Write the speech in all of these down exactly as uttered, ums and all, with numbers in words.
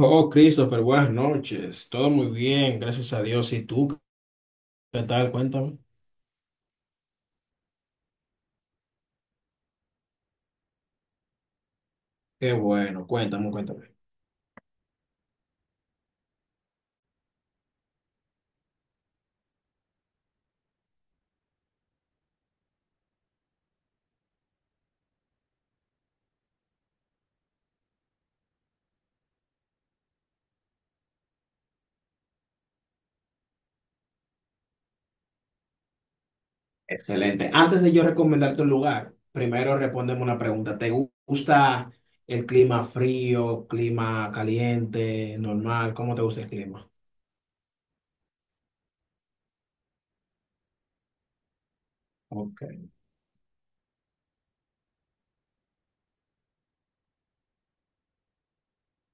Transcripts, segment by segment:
Oh, Christopher, buenas noches. Todo muy bien, gracias a Dios. ¿Y tú qué tal? Cuéntame. Qué bueno, cuéntame, cuéntame. Excelente. Antes de yo recomendarte un lugar, primero respóndeme una pregunta. ¿Te gu- gusta el clima frío, clima caliente, normal? ¿Cómo te gusta el clima? Ok.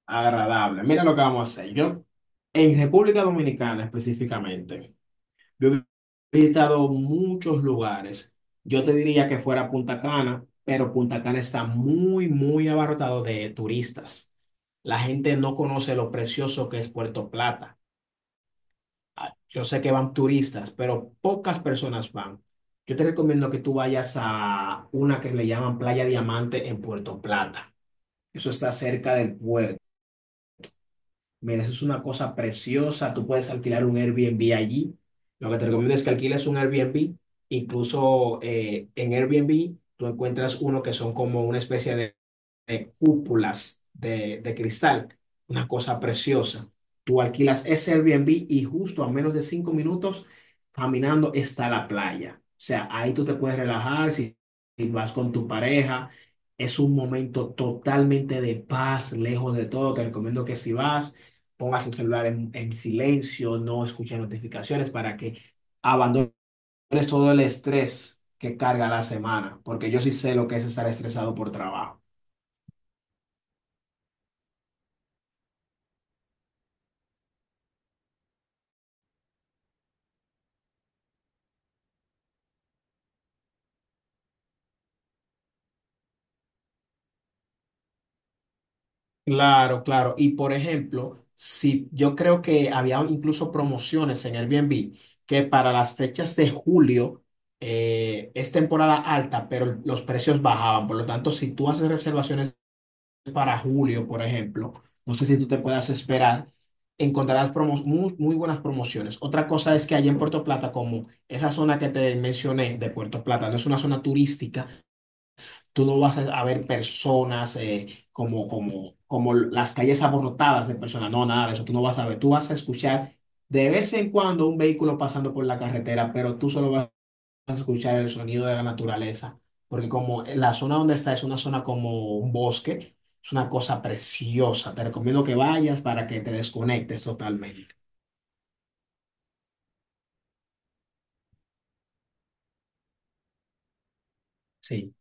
Agradable. Mira lo que vamos a hacer. Yo, en República Dominicana específicamente. Yo he visitado muchos lugares. Yo te diría que fuera Punta Cana, pero Punta Cana está muy, muy abarrotado de turistas. La gente no conoce lo precioso que es Puerto Plata. Ah, yo sé que van turistas, pero pocas personas van. Yo te recomiendo que tú vayas a una que le llaman Playa Diamante en Puerto Plata. Eso está cerca del puerto. Mira, eso es una cosa preciosa. Tú puedes alquilar un Airbnb allí. Lo que te recomiendo es que alquiles un Airbnb. Incluso eh, en Airbnb tú encuentras uno que son como una especie de de cúpulas de, de cristal, una cosa preciosa. Tú alquilas ese Airbnb y justo a menos de cinco minutos caminando está la playa. O sea, ahí tú te puedes relajar si, si vas con tu pareja. Es un momento totalmente de paz, lejos de todo. Te recomiendo que si vas, pongas el celular en, en silencio, no escuches notificaciones para que abandones todo el estrés que carga la semana, porque yo sí sé lo que es estar estresado por trabajo. Claro, claro. Y por ejemplo, si yo creo que había incluso promociones en Airbnb que para las fechas de julio eh, es temporada alta, pero los precios bajaban. Por lo tanto, si tú haces reservaciones para julio, por ejemplo, no sé si tú te puedas esperar, encontrarás promos- muy, muy buenas promociones. Otra cosa es que allá en Puerto Plata, como esa zona que te mencioné de Puerto Plata, no es una zona turística. Tú no vas a a ver personas eh, como, como, como las calles abarrotadas de personas. No, nada de eso. Tú no vas a ver. Tú vas a escuchar de vez en cuando un vehículo pasando por la carretera, pero tú solo vas a escuchar el sonido de la naturaleza. Porque como la zona donde está es una zona como un bosque, es una cosa preciosa. Te recomiendo que vayas para que te desconectes totalmente. Sí.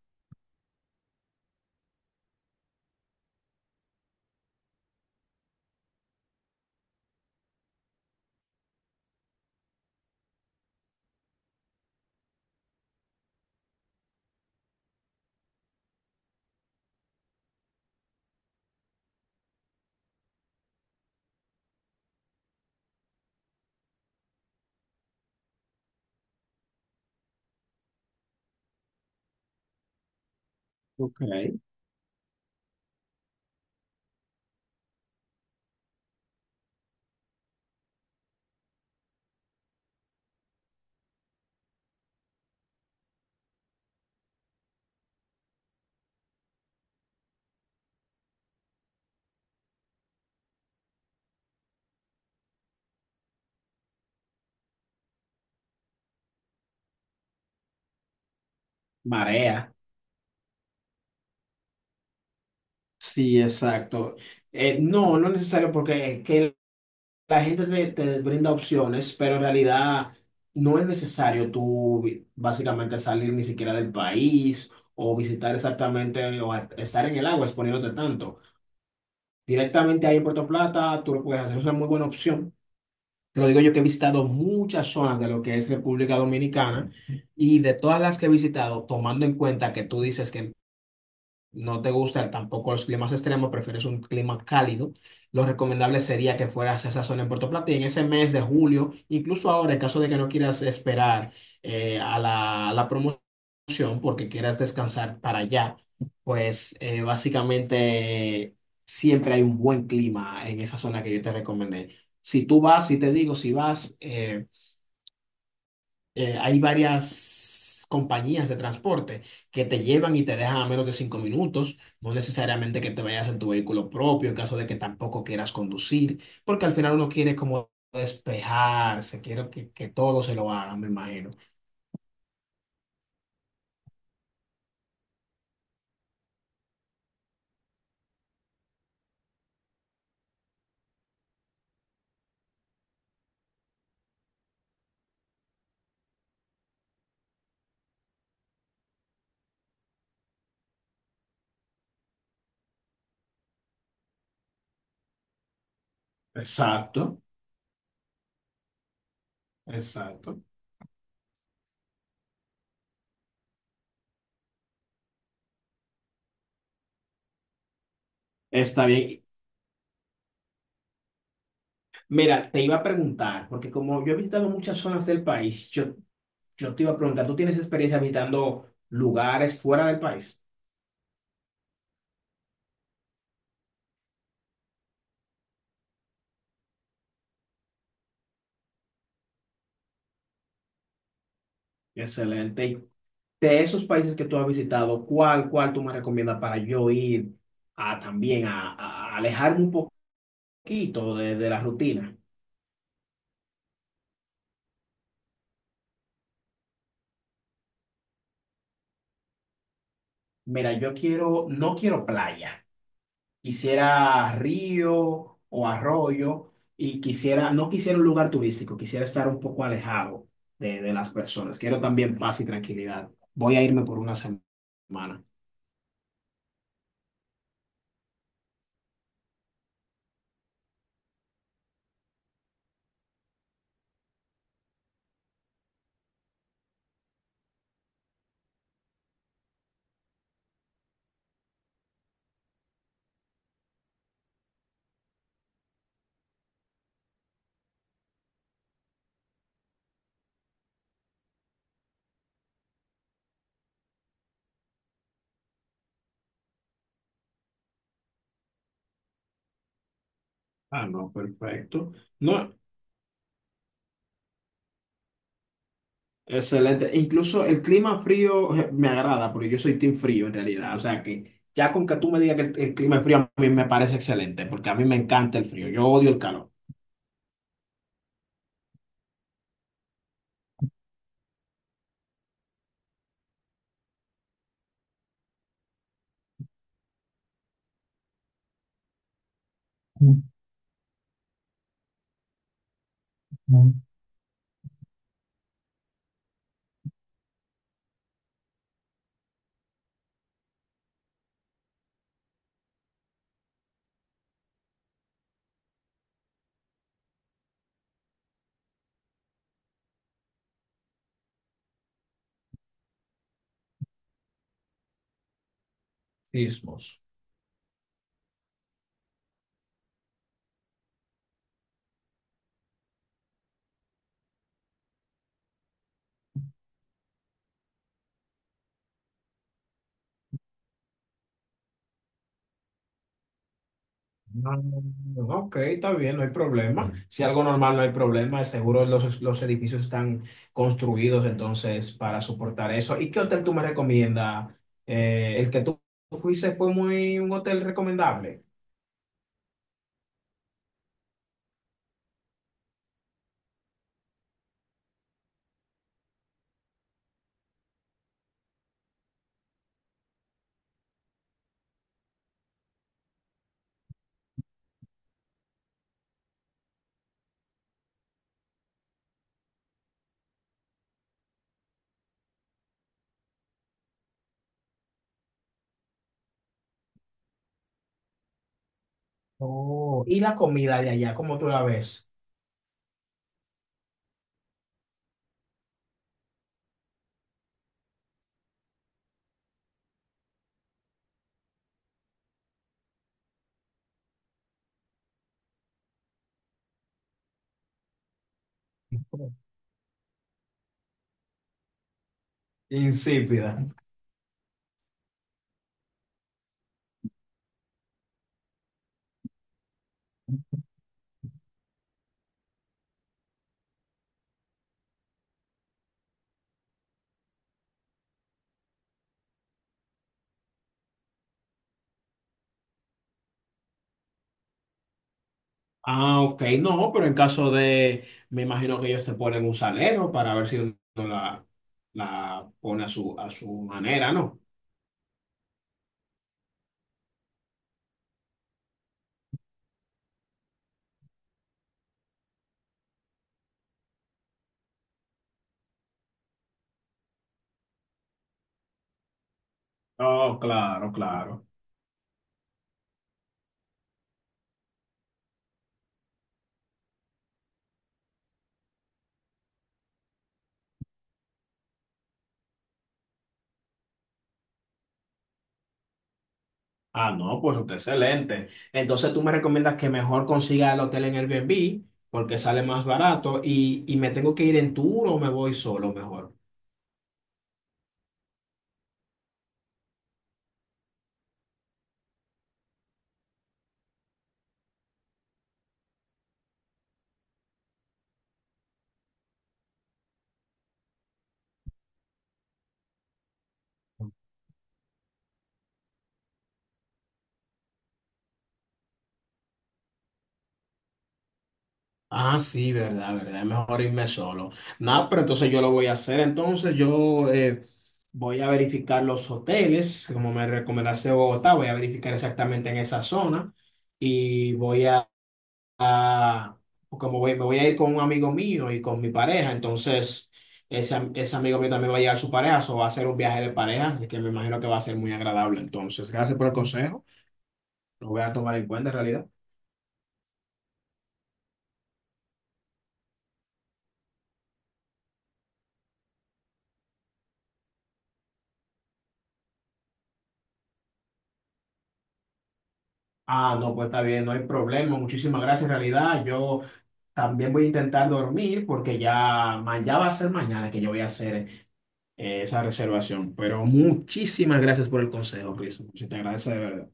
Ok. Marea. Sí, exacto. Eh, no, no es necesario porque que la gente te, te brinda opciones, pero en realidad no es necesario tú vi- básicamente salir ni siquiera del país o visitar exactamente o a- estar en el agua exponiéndote tanto. Directamente ahí en Puerto Plata, tú lo puedes hacer, es una muy buena opción. Te lo digo yo que he visitado muchas zonas de lo que es República Dominicana y de todas las que he visitado, tomando en cuenta que tú dices que no te gusta tampoco los climas extremos, prefieres un clima cálido, lo recomendable sería que fueras a esa zona en Puerto Plata y en ese mes de julio, incluso ahora, en caso de que no quieras esperar eh, a la, a la promoción porque quieras descansar para allá, pues eh, básicamente siempre hay un buen clima en esa zona que yo te recomendé. Si tú vas, si te digo, si vas, eh, eh, hay varias compañías de transporte que te llevan y te dejan a menos de cinco minutos, no necesariamente que te vayas en tu vehículo propio en caso de que tampoco quieras conducir, porque al final uno quiere como despejarse, quiero que, que todo se lo hagan, me imagino. Exacto, exacto. Está bien. Mira, te iba a preguntar, porque como yo he visitado muchas zonas del país, yo, yo te iba a preguntar, ¿tú tienes experiencia visitando lugares fuera del país? Excelente. De esos países que tú has visitado, ¿cuál, cuál tú me recomiendas para yo ir a también a, a- a alejarme un poquito de, de la rutina? Mira, yo quiero, no quiero playa, quisiera río o arroyo y quisiera, no quisiera un lugar turístico, quisiera estar un poco alejado de, de las personas. Quiero también paz y tranquilidad. Voy a irme por una semana. Ah, no, perfecto. No, excelente. Incluso el clima frío eh, me agrada, porque yo soy team frío en realidad. O sea que ya con que tú me digas que el, el clima es frío, a mí me parece excelente, porque a mí me encanta el frío. Yo odio el calor. Ujú. Sismos. Mm, ok, está bien, no hay problema. Si algo normal no hay problema, seguro los, los edificios están construidos entonces para soportar eso. ¿Y qué hotel tú me recomiendas? Eh, el que tú fuiste fue muy un hotel recomendable. Oh, ¿y la comida de allá, cómo tú la ves? Insípida. Ah, ok, no, pero en caso de, me imagino que ellos te ponen un salero para ver si uno la, la pone a su, a su manera, ¿no? Oh, claro, claro. Ah, no, pues está excelente. Entonces tú me recomiendas que mejor consiga el hotel en Airbnb porque sale más barato y, y me tengo que ir en tour o me voy solo mejor. Ah, sí, verdad, verdad. Es mejor irme solo. Nada, pero entonces yo lo voy a hacer. Entonces yo eh, voy a verificar los hoteles, como me recomendaste Bogotá, voy a verificar exactamente en esa zona y voy a, a- como voy, me voy a ir con un amigo mío y con mi pareja. Entonces ese, am- ese amigo mío también va a llevar su pareja, o va a ser un viaje de pareja, así que me imagino que va a ser muy agradable. Entonces, gracias por el consejo. Lo voy a tomar en cuenta en realidad. Ah, no, pues está bien, no hay problema. Muchísimas gracias, en realidad. Yo también voy a intentar dormir porque ya, ma- ya va a ser mañana que yo voy a hacer eh, esa reservación. Pero muchísimas gracias por el consejo, Chris. Se te agradece de verdad.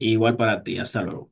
Igual para ti. Hasta luego.